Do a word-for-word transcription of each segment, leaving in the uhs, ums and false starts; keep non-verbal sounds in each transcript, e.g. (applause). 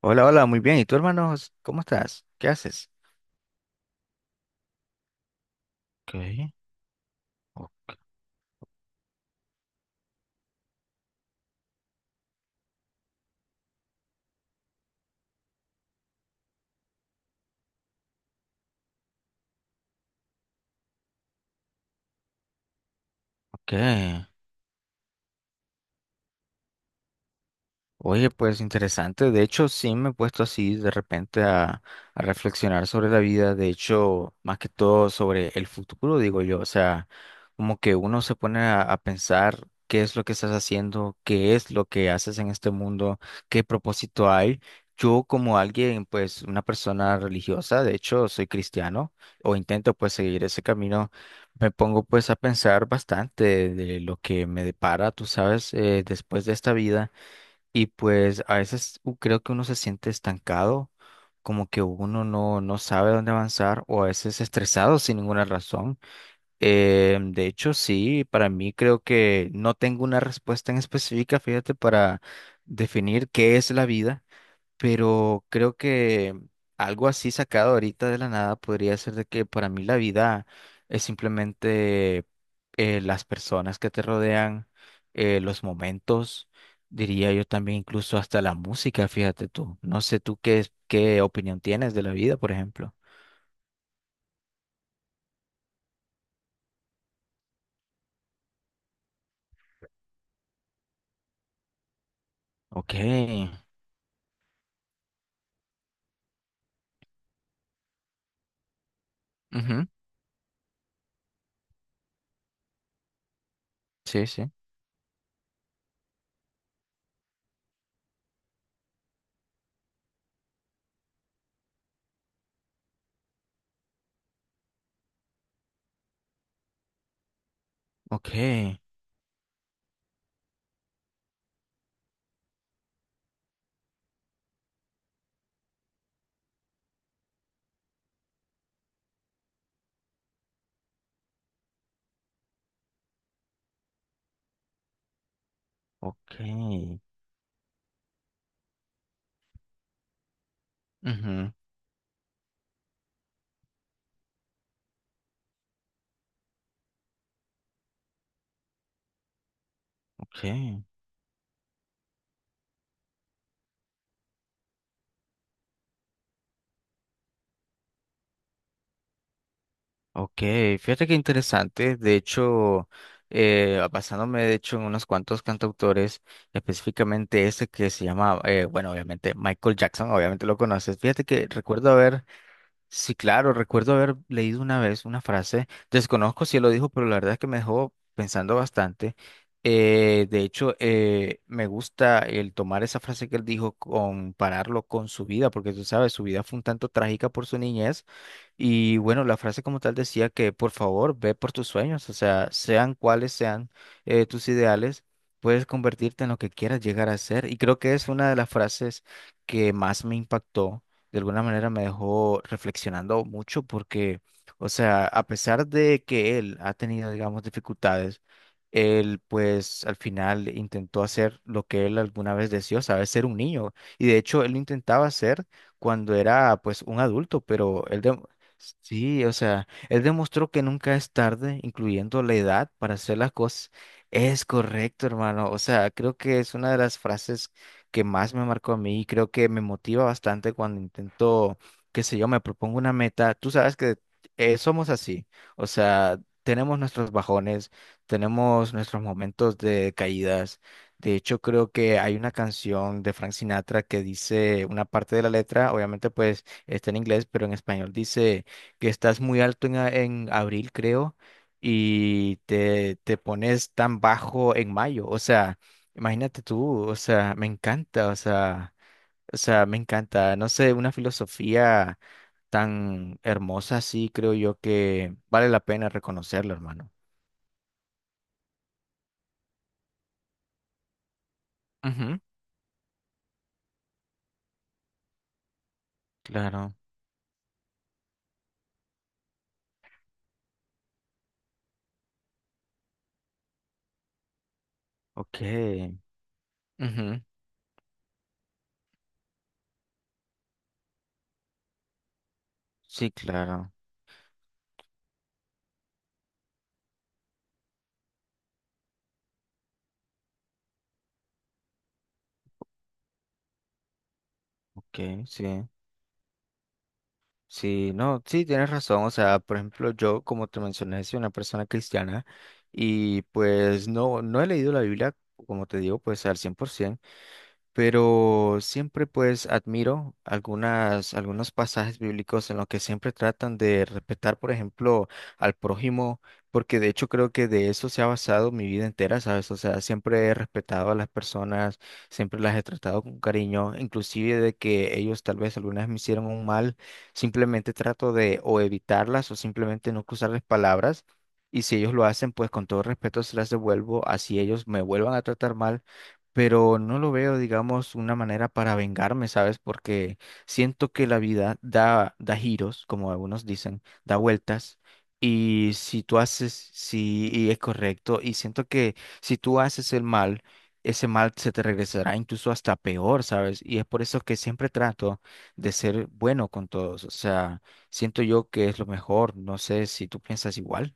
Hola, hola, muy bien. ¿Y tú, hermanos? ¿Cómo estás? ¿Qué haces? Ok, o- ok. Oye, pues interesante. De hecho, sí me he puesto así de repente a, a reflexionar sobre la vida. De hecho, más que todo sobre el futuro, digo yo. O sea, como que uno se pone a, a pensar qué es lo que estás haciendo, qué es lo que haces en este mundo, qué propósito hay. Yo como alguien, pues una persona religiosa, de hecho, soy cristiano o intento pues seguir ese camino. Me pongo pues a pensar bastante de lo que me depara, tú sabes, eh, después de esta vida. Y pues a veces u- creo que uno se siente estancado, como que uno no, no sabe dónde avanzar o a veces estresado sin ninguna razón. Eh, de hecho, sí, para mí creo que no tengo una respuesta en específica, fíjate, para definir qué es la vida, pero creo que algo así sacado ahorita de la nada podría ser de que para mí la vida es simplemente, eh, las personas que te rodean, eh, los momentos, diría yo también incluso hasta la música, fíjate tú. No sé tú qué, es- qué opinión tienes de la vida, por ejemplo. Ok. Ujú. Sí, sí. Ok. Ok. Ujú. Ok. Ok, fíjate qué interesante. De hecho, eh, basándome de hecho en unos cuantos cantautores, específicamente ese que se llama, eh, bueno, obviamente Michael Jackson, obviamente lo conoces. Fíjate que recuerdo haber... Sí, claro, recuerdo haber leído una vez una frase, desconozco si él lo dijo, pero la verdad es que me dejó pensando bastante. Eh, de hecho, eh, me gusta el tomar esa frase que él dijo, compararlo con su vida, porque tú sabes, su vida fue un tanto trágica por su niñez. Y bueno, la frase como tal decía que por favor ve por tus sueños, o sea, sean cuales sean eh, tus ideales, puedes convertirte en lo que quieras llegar a ser. Y creo que es una de las frases que más me impactó, de alguna manera me dejó reflexionando mucho porque, o sea, a pesar de que él ha tenido, digamos, dificultades, él pues al final intentó hacer lo que él alguna vez deseó, ¿sabes? Ser un niño. Y de hecho, él lo intentaba hacer cuando era pues un adulto, pero él... dem- Sí, o sea, él demostró que nunca es tarde, incluyendo la edad, para hacer las cosas. Es correcto, hermano. O sea, creo que es una de las frases que más me marcó a mí y creo que me motiva bastante cuando intento, qué sé yo, me propongo una meta. Tú sabes que eh, somos así, o sea, tenemos nuestros bajones, tenemos nuestros momentos de caídas. De hecho, creo que hay una canción de Frank Sinatra que dice una parte de la letra, obviamente pues está en inglés, pero en español dice que estás muy alto en, a- en abril, creo, y te, te pones tan bajo en mayo. O sea, imagínate tú, o sea, me encanta, o sea, o sea, me encanta, no sé, una filosofía tan hermosa así, creo yo que vale la pena reconocerla, hermano. Ujú, claro, ok. Ujú, sí, claro, ok, sí. Sí, no, sí, tienes razón, o sea, por ejemplo, yo, como te mencioné, soy una persona cristiana y pues no, no he leído la Biblia, como te digo, pues al cien por ciento. Pero siempre pues admiro algunas, algunos pasajes bíblicos en los que siempre tratan de respetar, por ejemplo, al prójimo, porque de hecho creo que de eso se ha basado mi vida entera, ¿sabes? O sea, siempre he respetado a las personas, siempre las he tratado con cariño, inclusive de que ellos tal vez algunas me hicieron un mal, simplemente trato de o evitarlas o simplemente no cruzarles palabras. Y si ellos lo hacen, pues con todo respeto se las devuelvo, así ellos me vuelvan a tratar mal, pero no lo veo, digamos, una manera para vengarme, ¿sabes? Porque siento que la vida da, da giros, como algunos dicen, da vueltas. Y si tú haces, sí, y es correcto, y siento que si tú haces el mal, ese mal se te regresará incluso hasta peor, ¿sabes? Y es por eso que siempre trato de ser bueno con todos, o sea, siento yo que es lo mejor, no sé si tú piensas igual.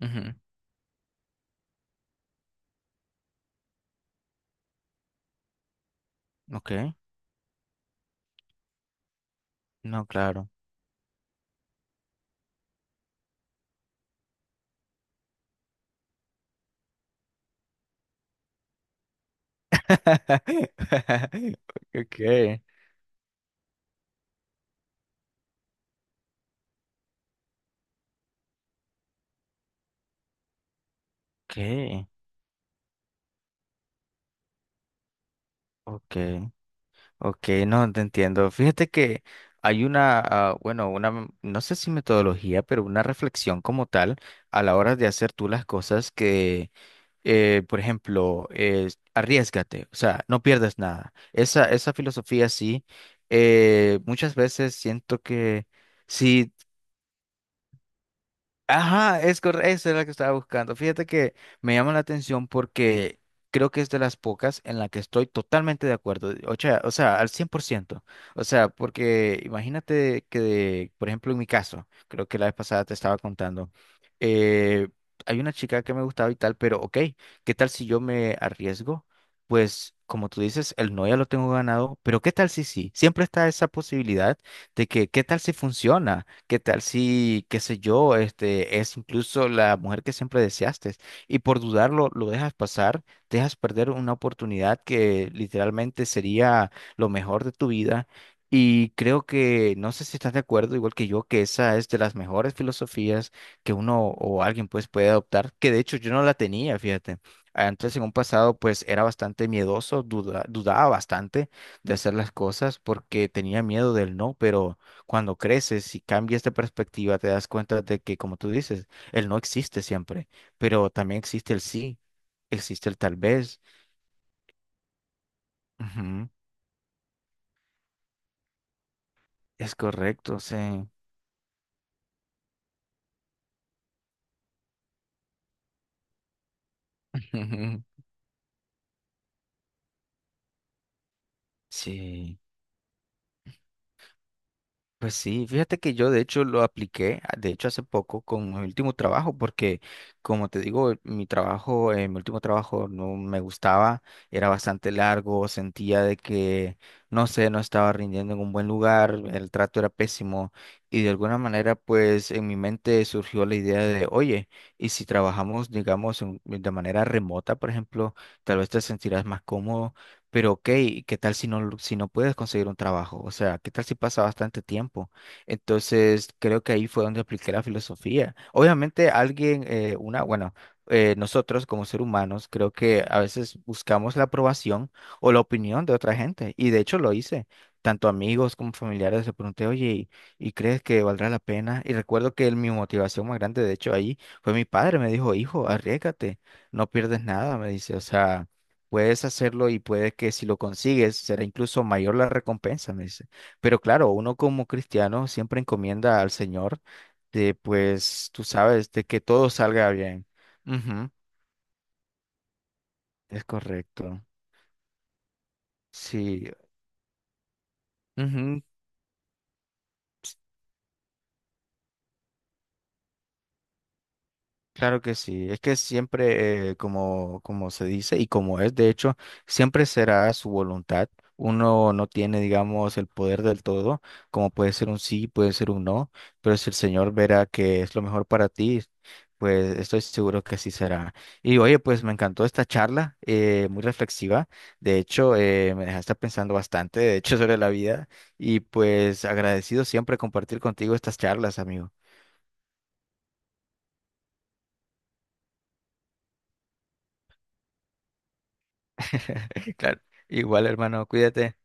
Ujú, ok, no, claro. (laughs) Ok. Okay, okay, okay, no te entiendo. Fíjate que hay una, ah, bueno, una, m- no sé si metodología, pero una reflexión como tal a la hora de hacer tú las cosas que, eh, por ejemplo, eh, arriésgate, o sea, no pierdas nada. Esa, esa filosofía sí, eh, muchas veces siento que sí. Ajá, es correcto, esa es la que estaba buscando. Fíjate que me llama la atención porque creo que es de las pocas en la que estoy totalmente de acuerdo, o sea, o sea, al cien por ciento. O sea, porque imagínate que, por ejemplo, en mi caso, creo que la vez pasada te estaba contando, eh, hay una chica que me gustaba y tal, pero ok, ¿qué tal si yo me arriesgo? Pues, como tú dices, el no ya lo tengo ganado, pero ¿qué tal si sí? Siempre está esa posibilidad de que, ¿qué tal si funciona? ¿Qué tal si, qué sé yo, este es incluso la mujer que siempre deseaste? Y por dudarlo, lo dejas pasar, dejas perder una oportunidad que literalmente sería lo mejor de tu vida. Y creo que, no sé si estás de acuerdo, igual que yo, que esa es de las mejores filosofías que uno o alguien pues puede adoptar, que de hecho yo no la tenía, fíjate. Antes en un pasado pues era bastante miedoso, duda- dudaba bastante de hacer las cosas porque tenía miedo del no, pero cuando creces y cambias de perspectiva, te das cuenta de que, como tú dices, el no existe siempre, pero también existe el sí, existe el tal vez. Ujú, es correcto, sí. (laughs) Sí. Pues sí, fíjate que yo de hecho lo apliqué, a- de hecho hace poco con mi último trabajo, porque como te digo, mi trabajo, eh, mi último trabajo no me gustaba, era bastante largo, sentía de que, no sé, no estaba rindiendo en un buen lugar, el trato era pésimo y de alguna manera pues en mi mente surgió la idea de, oye, y si trabajamos, digamos, en- de manera remota, por ejemplo, tal vez te sentirás más cómodo. Pero ok, ¿qué tal si no, si no puedes conseguir un trabajo? O sea, ¿qué tal si pasa bastante tiempo? Entonces, creo que ahí fue donde apliqué la filosofía. Obviamente, alguien, eh, una, bueno, eh, nosotros como seres humanos, creo que a veces buscamos la aprobación o la opinión de otra gente. Y de hecho lo hice. Tanto amigos como familiares le pregunté, oye, ¿y, y crees que valdrá la pena? Y recuerdo que el- mi motivación más grande, de hecho, ahí fue mi padre. Me dijo, hijo, arriésgate, no pierdes nada, me dice. O sea... puedes hacerlo y puede que si lo consigues será incluso mayor la recompensa, me dice. Pero claro, uno como cristiano siempre encomienda al Señor de, pues, tú sabes, de que todo salga bien. Ujú, es correcto. Sí. Ujú, claro que sí, es que siempre, eh, como, como se dice y como es, de hecho, siempre será su voluntad. Uno no tiene, digamos, el poder del todo, como puede ser un sí, puede ser un no, pero si el Señor verá que es lo mejor para ti, pues estoy seguro que así será. Y oye, pues me encantó esta charla, eh, muy reflexiva. De hecho, eh, me dejaste pensando bastante, de hecho, (laughs) sobre la vida y pues agradecido siempre compartir contigo estas charlas, amigo. (laughs) Claro, igual, hermano, cuídate.